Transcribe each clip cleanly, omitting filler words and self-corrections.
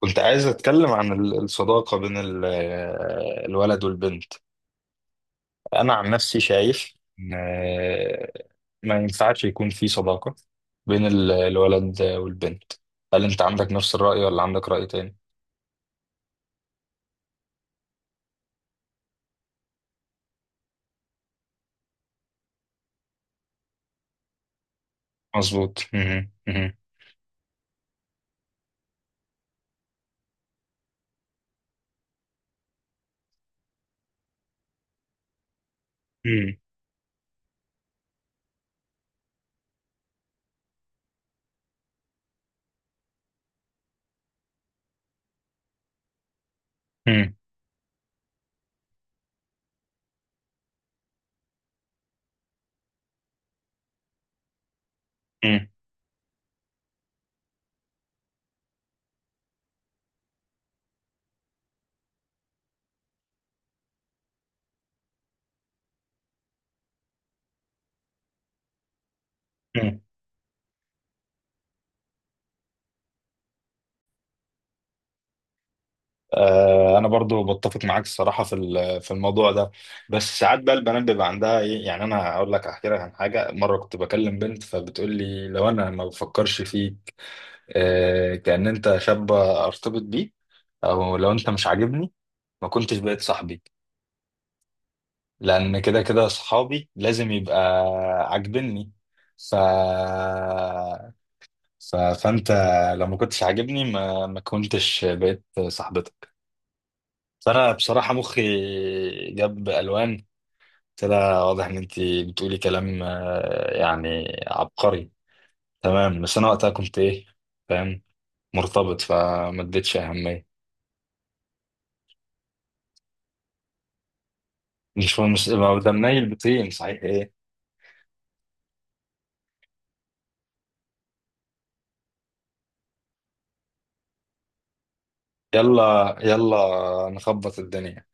كنت عايز اتكلم عن الصداقة بين الولد والبنت. انا عن نفسي شايف ان ما ينفعش يكون في صداقة بين الولد والبنت. هل انت عندك نفس الرأي ولا عندك رأي تاني؟ مظبوط. مهم. مهم. مهم. مهم. مهم. مهم. انا برضو بتفق معاك الصراحه في الموضوع ده. بس ساعات بقى البنات بيبقى عندها ايه، يعني انا هقول لك، احكي لك عن حاجه. مره كنت بكلم بنت فبتقول لي: لو انا ما بفكرش فيك، كأن انت شاب ارتبط بيه، او لو انت مش عاجبني ما كنتش بقيت صاحبي، لان كده كده صحابي لازم يبقى عاجبني. ف... فانت لو ما كنتش عاجبني ما كنتش بقيت صاحبتك. فانا بصراحة مخي جاب الوان. كده واضح ان انت بتقولي كلام يعني عبقري. تمام. بس انا وقتها كنت ايه، فاهم، مرتبط، فما اديتش اهمية. مش لو ده منيل بطين صحيح ايه. يلا يلا نخبط الدنيا.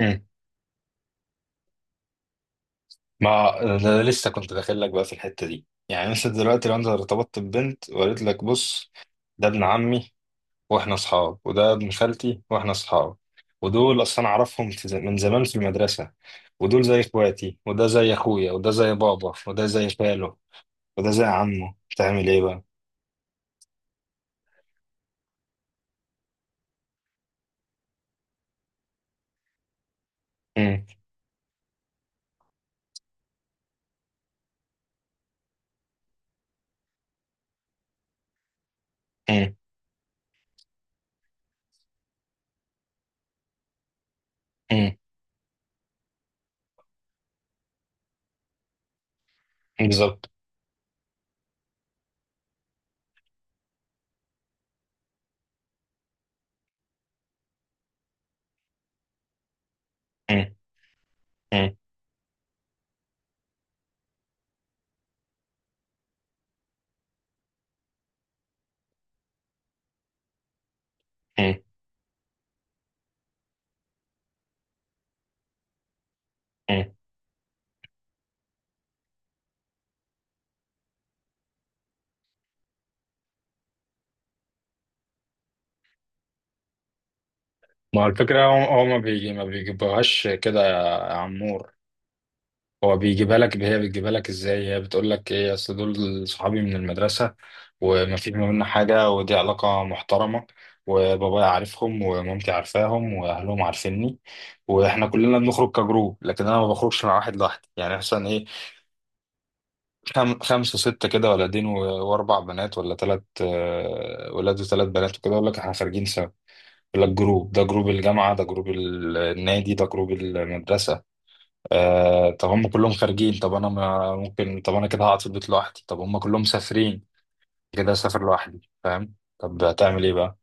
مم. ما ده لسه كنت داخل لك بقى في الحتة دي. يعني انت دلوقتي لو انت ارتبطت ببنت وقالت لك: بص، ده ابن عمي واحنا اصحاب، وده ابن خالتي واحنا اصحاب، ودول اصلا اعرفهم في من زمان في المدرسة، ودول زي اخواتي، وده زي اخويا، وده زي بابا، وده زي خاله، وده زي عمه. تعمل ايه بقى؟ مم. مم. مم. بالظبط. مم. مم. مم. ما هو الفكرة، هو ما بيجيبهاش كده يا عمور. هو بيجيبها لك، هي بتجيبها لك ازاي، هي بتقول لك ايه؟ اصل دول صحابي من المدرسة، وما في ما بيننا حاجة، ودي علاقة محترمة، وبابايا عارفهم ومامتي عارفاهم واهلهم عارفيني، واحنا كلنا بنخرج كجروب، لكن انا ما بخرجش مع واحد لوحدي. يعني مثلا ايه، خمسة ستة كده، ولدين واربع بنات، ولا ثلاث ولاد وثلاث بنات، وكده اقول لك احنا خارجين سوا. لا، الجروب ده جروب الجامعة، ده جروب النادي، ده جروب المدرسة. آه، طب هم كلهم خارجين، طب أنا ما ممكن، طب أنا كده هقعد في البيت لوحدي، طب هم كلهم مسافرين كده أسافر لوحدي، فاهم؟ طب هتعمل إيه بقى؟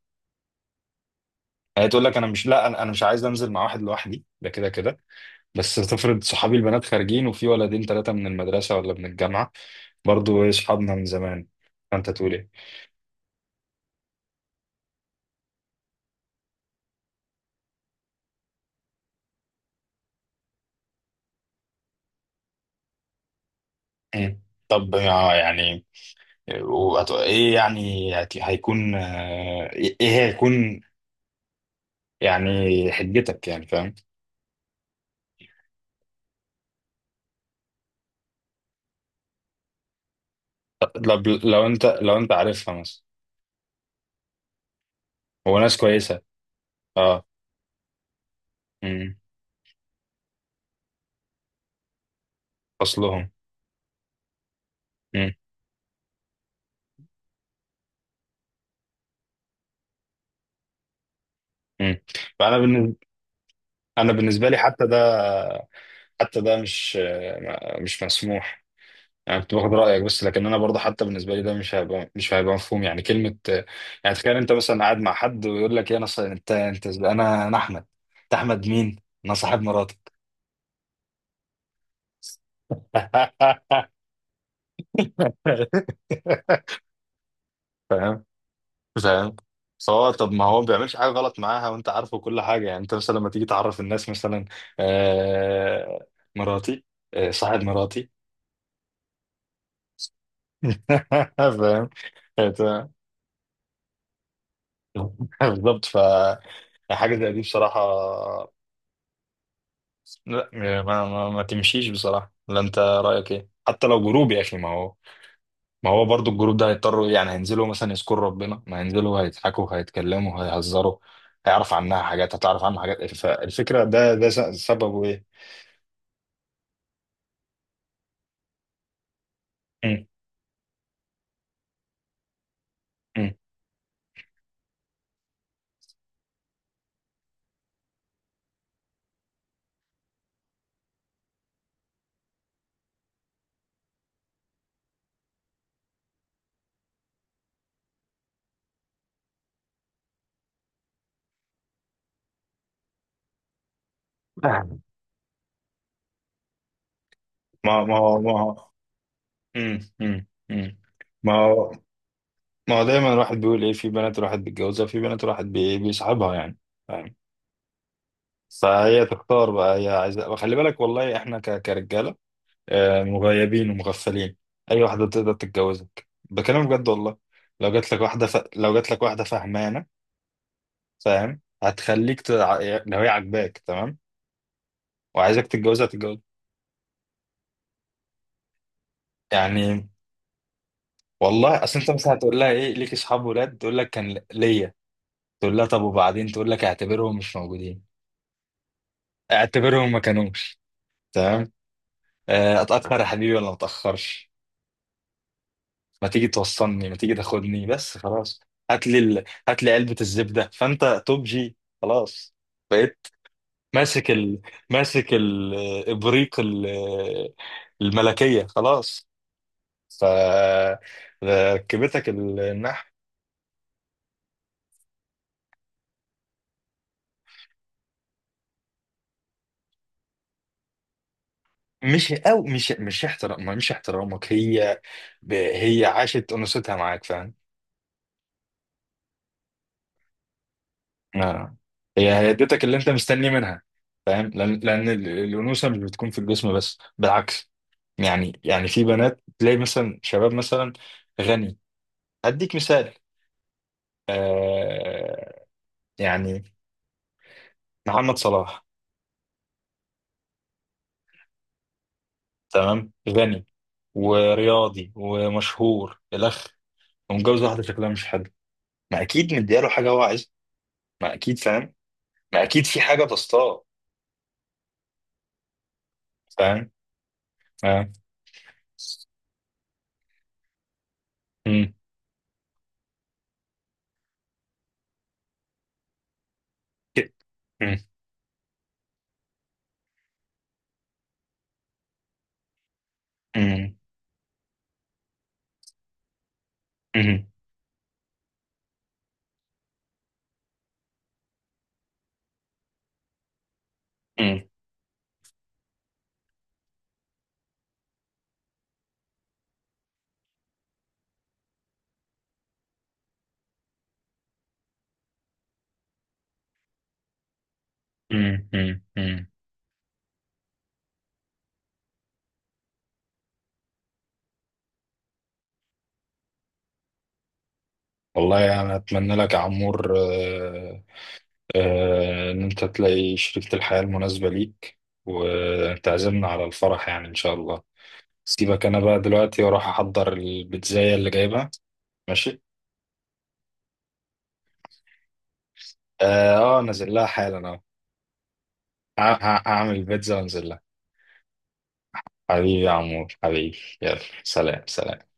هي تقول لك أنا مش، لا أنا مش عايز أنزل مع واحد لوحدي ده كده كده. بس تفرض صحابي البنات خارجين، وفي ولدين ثلاثة من المدرسة ولا من الجامعة برضو، إيه، صحابنا من زمان، فأنت تقول إيه؟ مم. طب يعني ايه، يعني هيكون ايه، إيه هيكون. يعني حجتك، يعني فاهم. لو لو انت عارفها مثلا، هو ناس كويسه. اه. امم. اصلهم. امم. امم. فانا بالنسبه انا بالنسبه لي، حتى ده مش مسموح. انا كنت باخد رايك بس، لكن انا برضه حتى بالنسبه لي ده مش هيبقى مفهوم يعني كلمه. يعني تخيل انت مثلا قاعد مع حد ويقول لك: يا نص انت انا احمد. انت احمد مين؟ انا صاحب مراتك. فاهم؟ فاهم. فهو، طب ما هو ما بيعملش حاجه غلط معاها وانت عارفه كل حاجه. يعني انت مثلا لما تيجي تعرف الناس مثلا: آه مراتي. آه، صاحب مراتي. فاهم. بالظبط. فحاجه زي دي بصراحه، لا، ما تمشيش بصراحه. لا، انت رايك ايه؟ حتى لو جروب يا اخي. ما هو برضو الجروب ده هيضطروا، يعني هينزلوا مثلا يذكروا ربنا، ما هينزلوا، هيضحكوا هيتكلموا هيهزروا. هيعرف عنها حاجات، هتعرف عنها حاجات. فالفكرة ده، ده سببه ايه؟ مم. مم. ما هو. مم. مم. مم. ما هو ما هو دايما الواحد بيقول ايه، في بنات الواحد بيتجوزها، في بنات الواحد بيصاحبها يعني. فاهم. فهي تختار بقى، هي عايزة. خلي بالك، والله احنا كرجالة مغيبين ومغفلين. اي واحده تقدر تتجوزك بكلام بجد والله. لو جات لك واحده فهمانه فاهم، هتخليك لو هي عاجباك تمام وعايزك تتجوزها تتجوز يعني. والله اصل انت مثلا هتقول لها ايه؟ ليك اصحاب ولاد؟ تقول لك كان ليا. تقول لها طب وبعدين. تقول لك اعتبرهم مش موجودين، اعتبرهم ما كانوش. تمام. اتاخر يا حبيبي ولا ما اتاخرش، ما تيجي توصلني، ما تيجي تاخدني بس خلاص. هات لي علبة الزبدة فانت توب جي. خلاص بقيت ماسك ابريق الملكية خلاص. ف ركبتك النحو. مش او مش مش احترام مش احترامك هي، هي عاشت انوثتها معاك فاهم. آه. هي اديتك اللي انت مستني منها فاهم. لان الانوثه مش بتكون في الجسم بس، بالعكس. يعني في بنات تلاقي مثلا شباب مثلا غني. اديك مثال. آه، يعني محمد صلاح، تمام، غني ورياضي ومشهور الاخ، ومتجوز واحده شكلها مش حلو. ما اكيد مدياله حاجه هو عايزها. ما اكيد فاهم. ما اكيد في حاجه تصطاد. فاهم. فاهم. مم. ك- مم. مم. مم. مم. مم. مم. والله انا يعني اتمنى لك يا عمور، إن أنت تلاقي شريكة الحياة المناسبة ليك، وتعزمنا على الفرح يعني إن شاء الله. سيبك أنا بقى دلوقتي وأروح أحضر البيتزاية اللي جايبها. ماشي. نازل لها حالا أهو. هعمل بيتزا وأنزل لها. حبيبي يا عمور، حبيبي، يلا سلام سلام.